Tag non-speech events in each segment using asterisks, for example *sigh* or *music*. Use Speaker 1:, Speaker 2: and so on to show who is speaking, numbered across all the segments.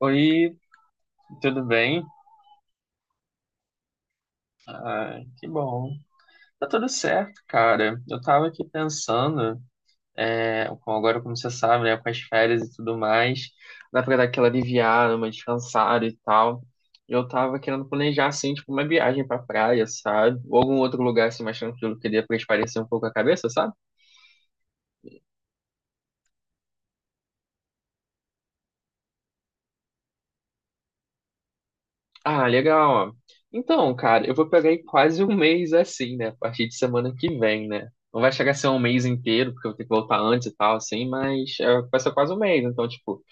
Speaker 1: Oi, tudo bem? Ah, que bom. Tá tudo certo, cara. Eu tava aqui pensando, agora como você sabe, né, com as férias e tudo mais, dá pra dar aquela aliviada, uma descansada e tal. Eu tava querendo planejar, assim, tipo, uma viagem pra praia, sabe? Ou algum outro lugar, assim, mais tranquilo, que dê pra espairecer um pouco a cabeça, sabe? Ah, legal. Ó. Então, cara, eu vou pegar aí quase um mês assim, né? A partir de semana que vem, né? Não vai chegar a ser um mês inteiro, porque eu vou ter que voltar antes e tal, assim, mas é, vai ser quase um mês. Então, tipo,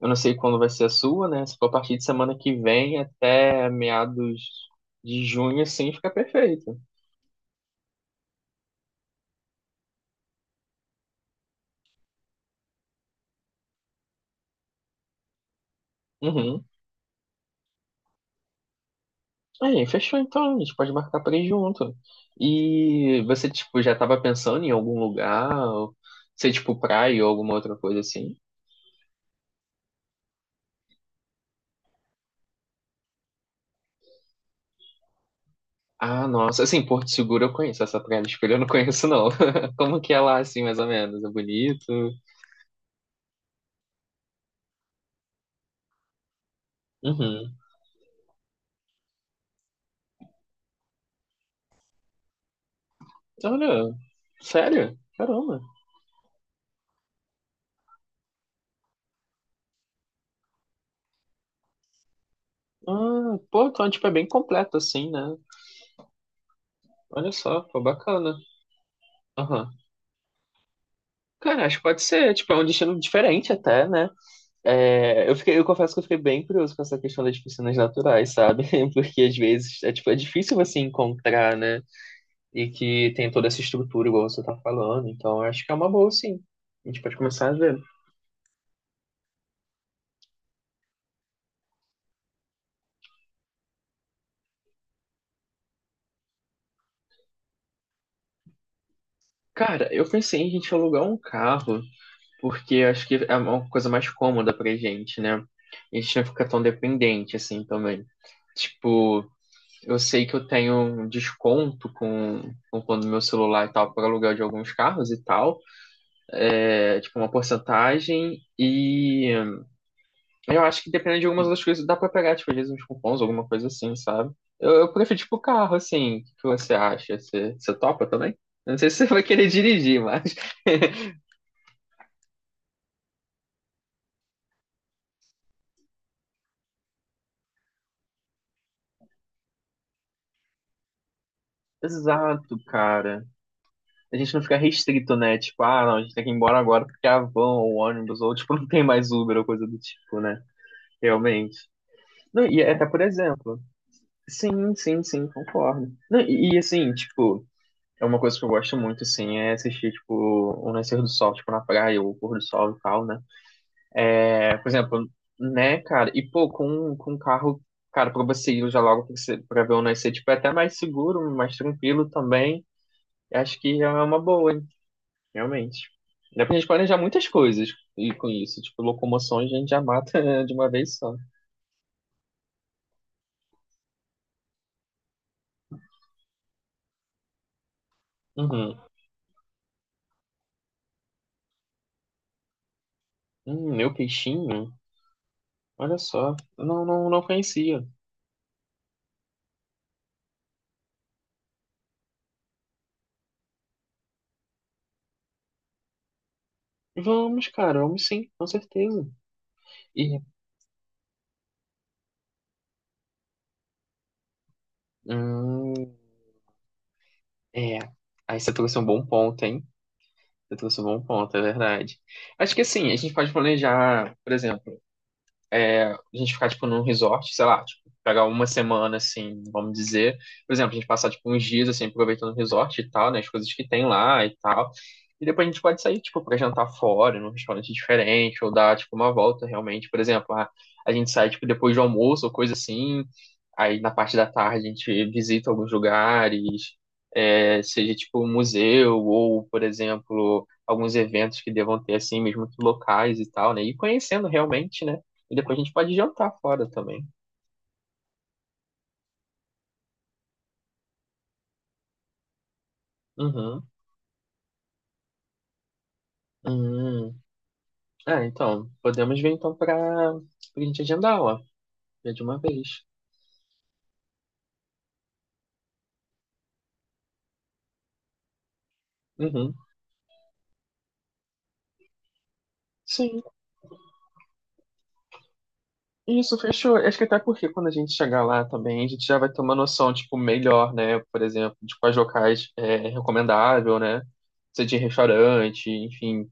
Speaker 1: eu não sei quando vai ser a sua, né? Se for a partir de semana que vem até meados de junho, assim, fica perfeito. Uhum. Aí, fechou então, a gente pode marcar pra ir junto. E você, tipo, já tava pensando em algum lugar? Ou, sei, tipo, praia ou alguma outra coisa assim? Ah, nossa, assim, Porto Seguro eu conheço, essa Praia do Espelho eu não conheço, não. *laughs* Como que é lá, assim, mais ou menos? É bonito? Uhum. Olha, sério? Caramba. Ah, pô, então, tipo, é bem completo, assim, né? Olha só, pô, bacana. Aham. Cara, acho que pode ser, tipo, é um destino diferente até, né? É, eu confesso que eu fiquei bem curioso com essa questão das piscinas naturais, sabe? *laughs* Porque às vezes, é, tipo, é difícil você encontrar, né? E que tem toda essa estrutura, igual você tá falando. Então, eu acho que é uma boa, sim. A gente pode começar a ver. Cara, eu pensei em a gente alugar um carro, porque eu acho que é uma coisa mais cômoda pra gente, né? A gente não fica tão dependente assim também. Tipo, eu sei que eu tenho um desconto com quando meu celular e tal para aluguel de alguns carros e tal. É tipo uma porcentagem e eu acho que dependendo de algumas das coisas, dá pra pegar, tipo, às vezes uns cupons, alguma coisa assim, sabe? Eu prefiro, tipo, carro, assim. O que que você acha? Você topa também? Eu não sei se você vai querer dirigir, mas. *laughs* Exato, cara. A gente não fica restrito, né? Tipo, ah, não, a gente tem que ir embora agora porque a van ou ônibus, ou, tipo, *laughs* não tem mais Uber ou coisa do tipo, né? Realmente. Não, e é até, por exemplo. Sim, sim, sim, concordo. Não, e, assim, tipo. É uma coisa que eu gosto muito, assim, é assistir, tipo, o nascer do sol, tipo, na praia, ou o pôr do sol e tal, né? Por exemplo, né, cara? E pô, com um carro, cara, pra você ir já logo pra, você, pra ver o nascer, tipo, é até mais seguro, mais tranquilo também. Eu acho que já é uma boa, hein? Realmente. Dá pra gente planejar muitas coisas e com isso. Tipo, locomoções a gente já mata *laughs* de uma vez só. Uhum. Meu peixinho? Olha só. Não, não, não conhecia. Vamos, cara, vamos sim, com certeza. E, hum, é. Aí você trouxe um bom ponto, hein? Você trouxe um bom ponto, é verdade. Acho que assim, a gente pode planejar, por exemplo, a gente ficar, tipo, num resort, sei lá, tipo, pegar uma semana, assim, vamos dizer. Por exemplo, a gente passar, tipo, uns dias, assim, aproveitando o resort e tal, né? As coisas que tem lá e tal. E depois a gente pode sair, tipo, pra jantar fora, num restaurante diferente, ou dar, tipo, uma volta, realmente. Por exemplo, a gente sai, tipo, depois do almoço ou coisa assim. Aí, na parte da tarde, a gente visita alguns lugares, é, seja, tipo, um museu ou, por exemplo alguns eventos que devam ter assim, mesmo que locais e tal, né? E conhecendo realmente, né? E depois a gente pode jantar fora também. Uhum. Hum. É, então, podemos ver então pra gente agendar, ó. Já de uma vez. Uhum. Sim, isso, fechou. Acho que até porque quando a gente chegar lá também, a gente já vai ter uma noção, tipo, melhor, né? Por exemplo, de quais locais é recomendável, né? Se é de restaurante, enfim,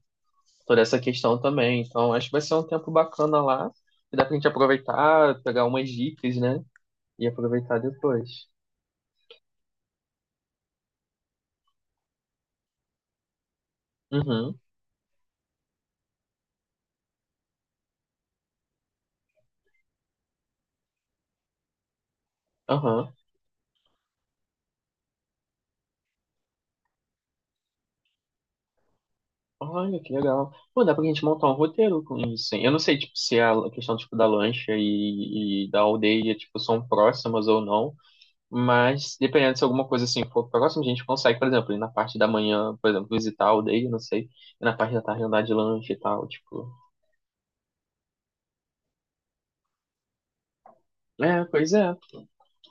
Speaker 1: toda essa questão também. Então, acho que vai ser um tempo bacana lá. E dá pra gente aproveitar, pegar umas dicas, né? E aproveitar depois. Uhum, aham. Olha, que legal. Pô, dá pra gente montar um roteiro com isso, hein? Eu não sei, tipo, se é a questão, tipo, da lancha e da aldeia, tipo, são próximas ou não, mas dependendo se alguma coisa, assim, for próxima, a gente consegue, por exemplo, ir na parte da manhã, por exemplo, visitar a aldeia, não sei, e na parte da tarde andar de lancha e tal, tipo. É, pois é.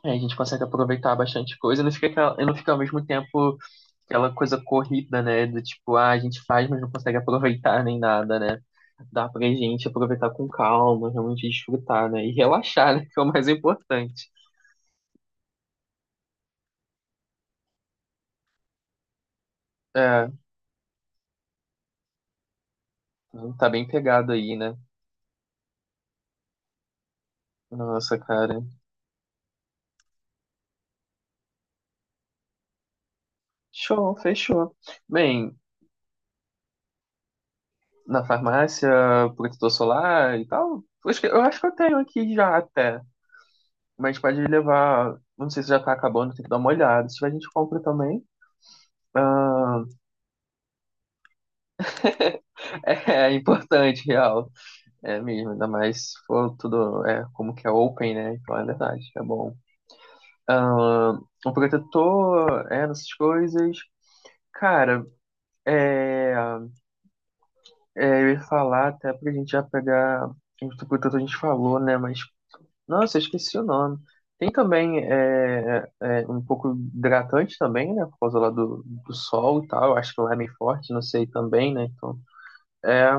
Speaker 1: Aí a gente consegue aproveitar bastante coisa, não fica aquela, e não fica ao mesmo tempo aquela coisa corrida, né? Do tipo, ah, a gente faz, mas não consegue aproveitar nem nada, né? Dá pra gente aproveitar com calma, realmente desfrutar, né? E relaxar, né? *laughs* Que é o mais importante. É, tá bem pegado aí, né? Nossa, cara. Show, fechou. Bem, na farmácia, protetor solar e tal. Eu acho que eu tenho aqui já até. Mas pode levar. Não sei se já tá acabando, tem que dar uma olhada. Se tiver, a gente compra também. Ah, *laughs* é importante, real. É mesmo, ainda mais se for tudo como que é open, né? Então é verdade, é bom. Ah, um protetor, essas coisas. Cara, é, eu ia falar até pra gente já pegar. O protetor a gente falou, né? Mas, nossa, eu esqueci o nome. Tem também um pouco hidratante também, né? Por causa lá do sol e tal. Eu acho que lá é meio forte, não sei também, né? É,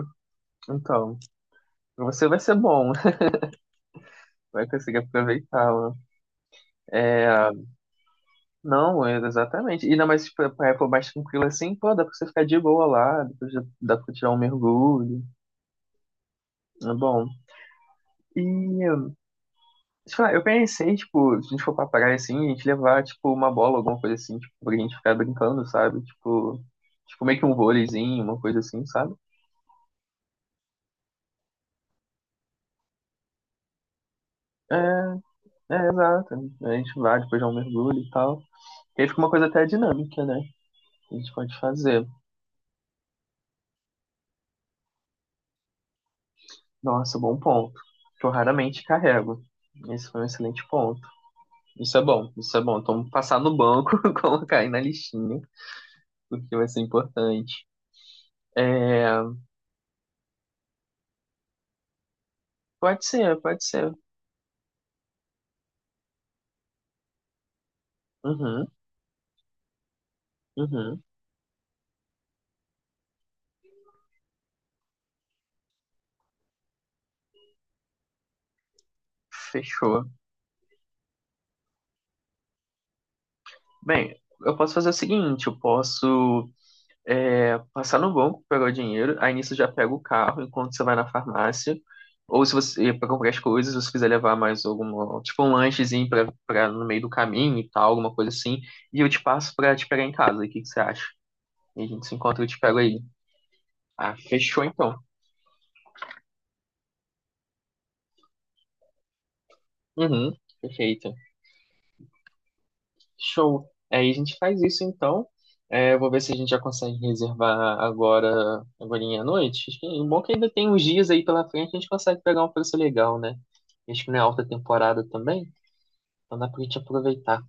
Speaker 1: então, pra você vai ser bom, *laughs* vai conseguir aproveitar, né? Não, exatamente. E ainda mais tipo, pra época mais tranquila assim, pô, dá pra você ficar de boa lá, depois já dá pra tirar um mergulho. É bom. E, sei lá, eu pensei, tipo, se a gente for pra praia assim, a gente levar, tipo, uma bola, alguma coisa assim, tipo, pra gente ficar brincando, sabe? Tipo, meio que um vôleizinho, uma coisa assim, sabe? É, é, exato. A gente vai, depois dá um mergulho e tal. E aí fica uma coisa até dinâmica, né? A gente pode fazer. Nossa, bom ponto. Que eu raramente carrego. Esse foi um excelente ponto. Isso é bom, isso é bom. Então, passar no banco, *laughs* colocar aí na listinha, porque vai ser importante. É, pode ser, pode ser. Uhum, uhum. Fechou. Bem, eu posso fazer o seguinte, eu posso passar no banco, pegar o dinheiro, aí nisso eu já pego o carro enquanto você vai na farmácia, ou se você, para comprar as coisas, se você quiser levar mais alguma, tipo um lanchezinho pra, no meio do caminho e tal, alguma coisa assim, e eu te passo pra te pegar em casa, o que que você acha? E a gente se encontra e eu te pego aí. Ah, fechou então. Uhum, perfeito. Show. Aí a gente faz isso então. É, eu vou ver se a gente já consegue reservar agora, agorinha à noite. O bom é que ainda tem uns dias aí pela frente, a gente consegue pegar um preço legal, né? Acho que não é alta temporada também, então dá pra gente aproveitar.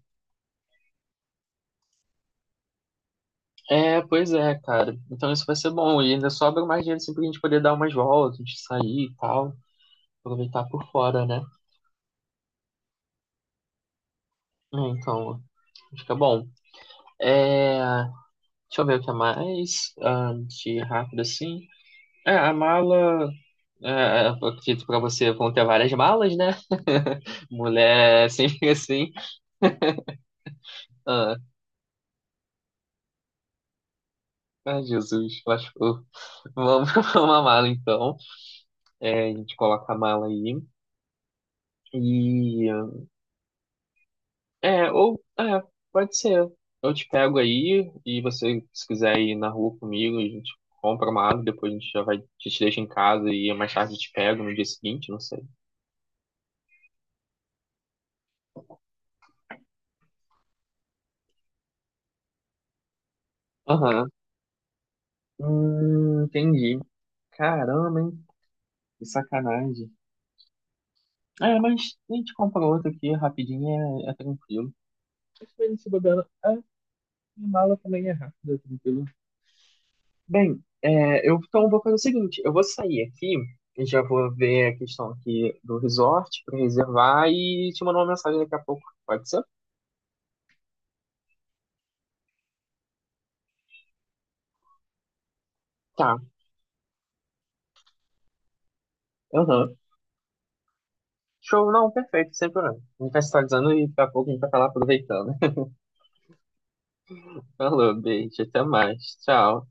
Speaker 1: É, pois é, cara. Então isso vai ser bom. E ainda sobra mais dinheiro assim pra gente poder dar umas voltas, a gente sair e tal. Aproveitar por fora, né? É, então, fica bom. É, deixa eu ver o que é mais. Ah, de rápido assim. É, a mala. É, eu acredito pra você vão ter várias malas, né? *laughs* Mulher é sempre assim. Ah, ai, Jesus, lascou. Vamos *laughs* comprar uma mala então. É, a gente coloca a mala aí. E. É, ou. É, pode ser. Eu te pego aí e você, se quiser ir na rua comigo, a gente compra uma mala, depois a gente já vai, a gente deixa em casa e mais tarde eu te pego no dia seguinte, não sei. Aham. Entendi. Caramba, hein? Que sacanagem. É, mas a gente compra outro aqui rapidinho, é tranquilo. Mas também se bobear, a minha mala também é rápida, tranquilo. Bem, então vou fazer o seguinte, eu vou sair aqui, e já vou ver a questão aqui do resort para reservar e te mandar uma mensagem daqui a pouco, pode ser? Tá, aham. Show, não, perfeito, sem problema. A gente vai se atualizando e daqui a pouco a gente vai estar lá aproveitando. *laughs* Falou, beijo, até mais, tchau.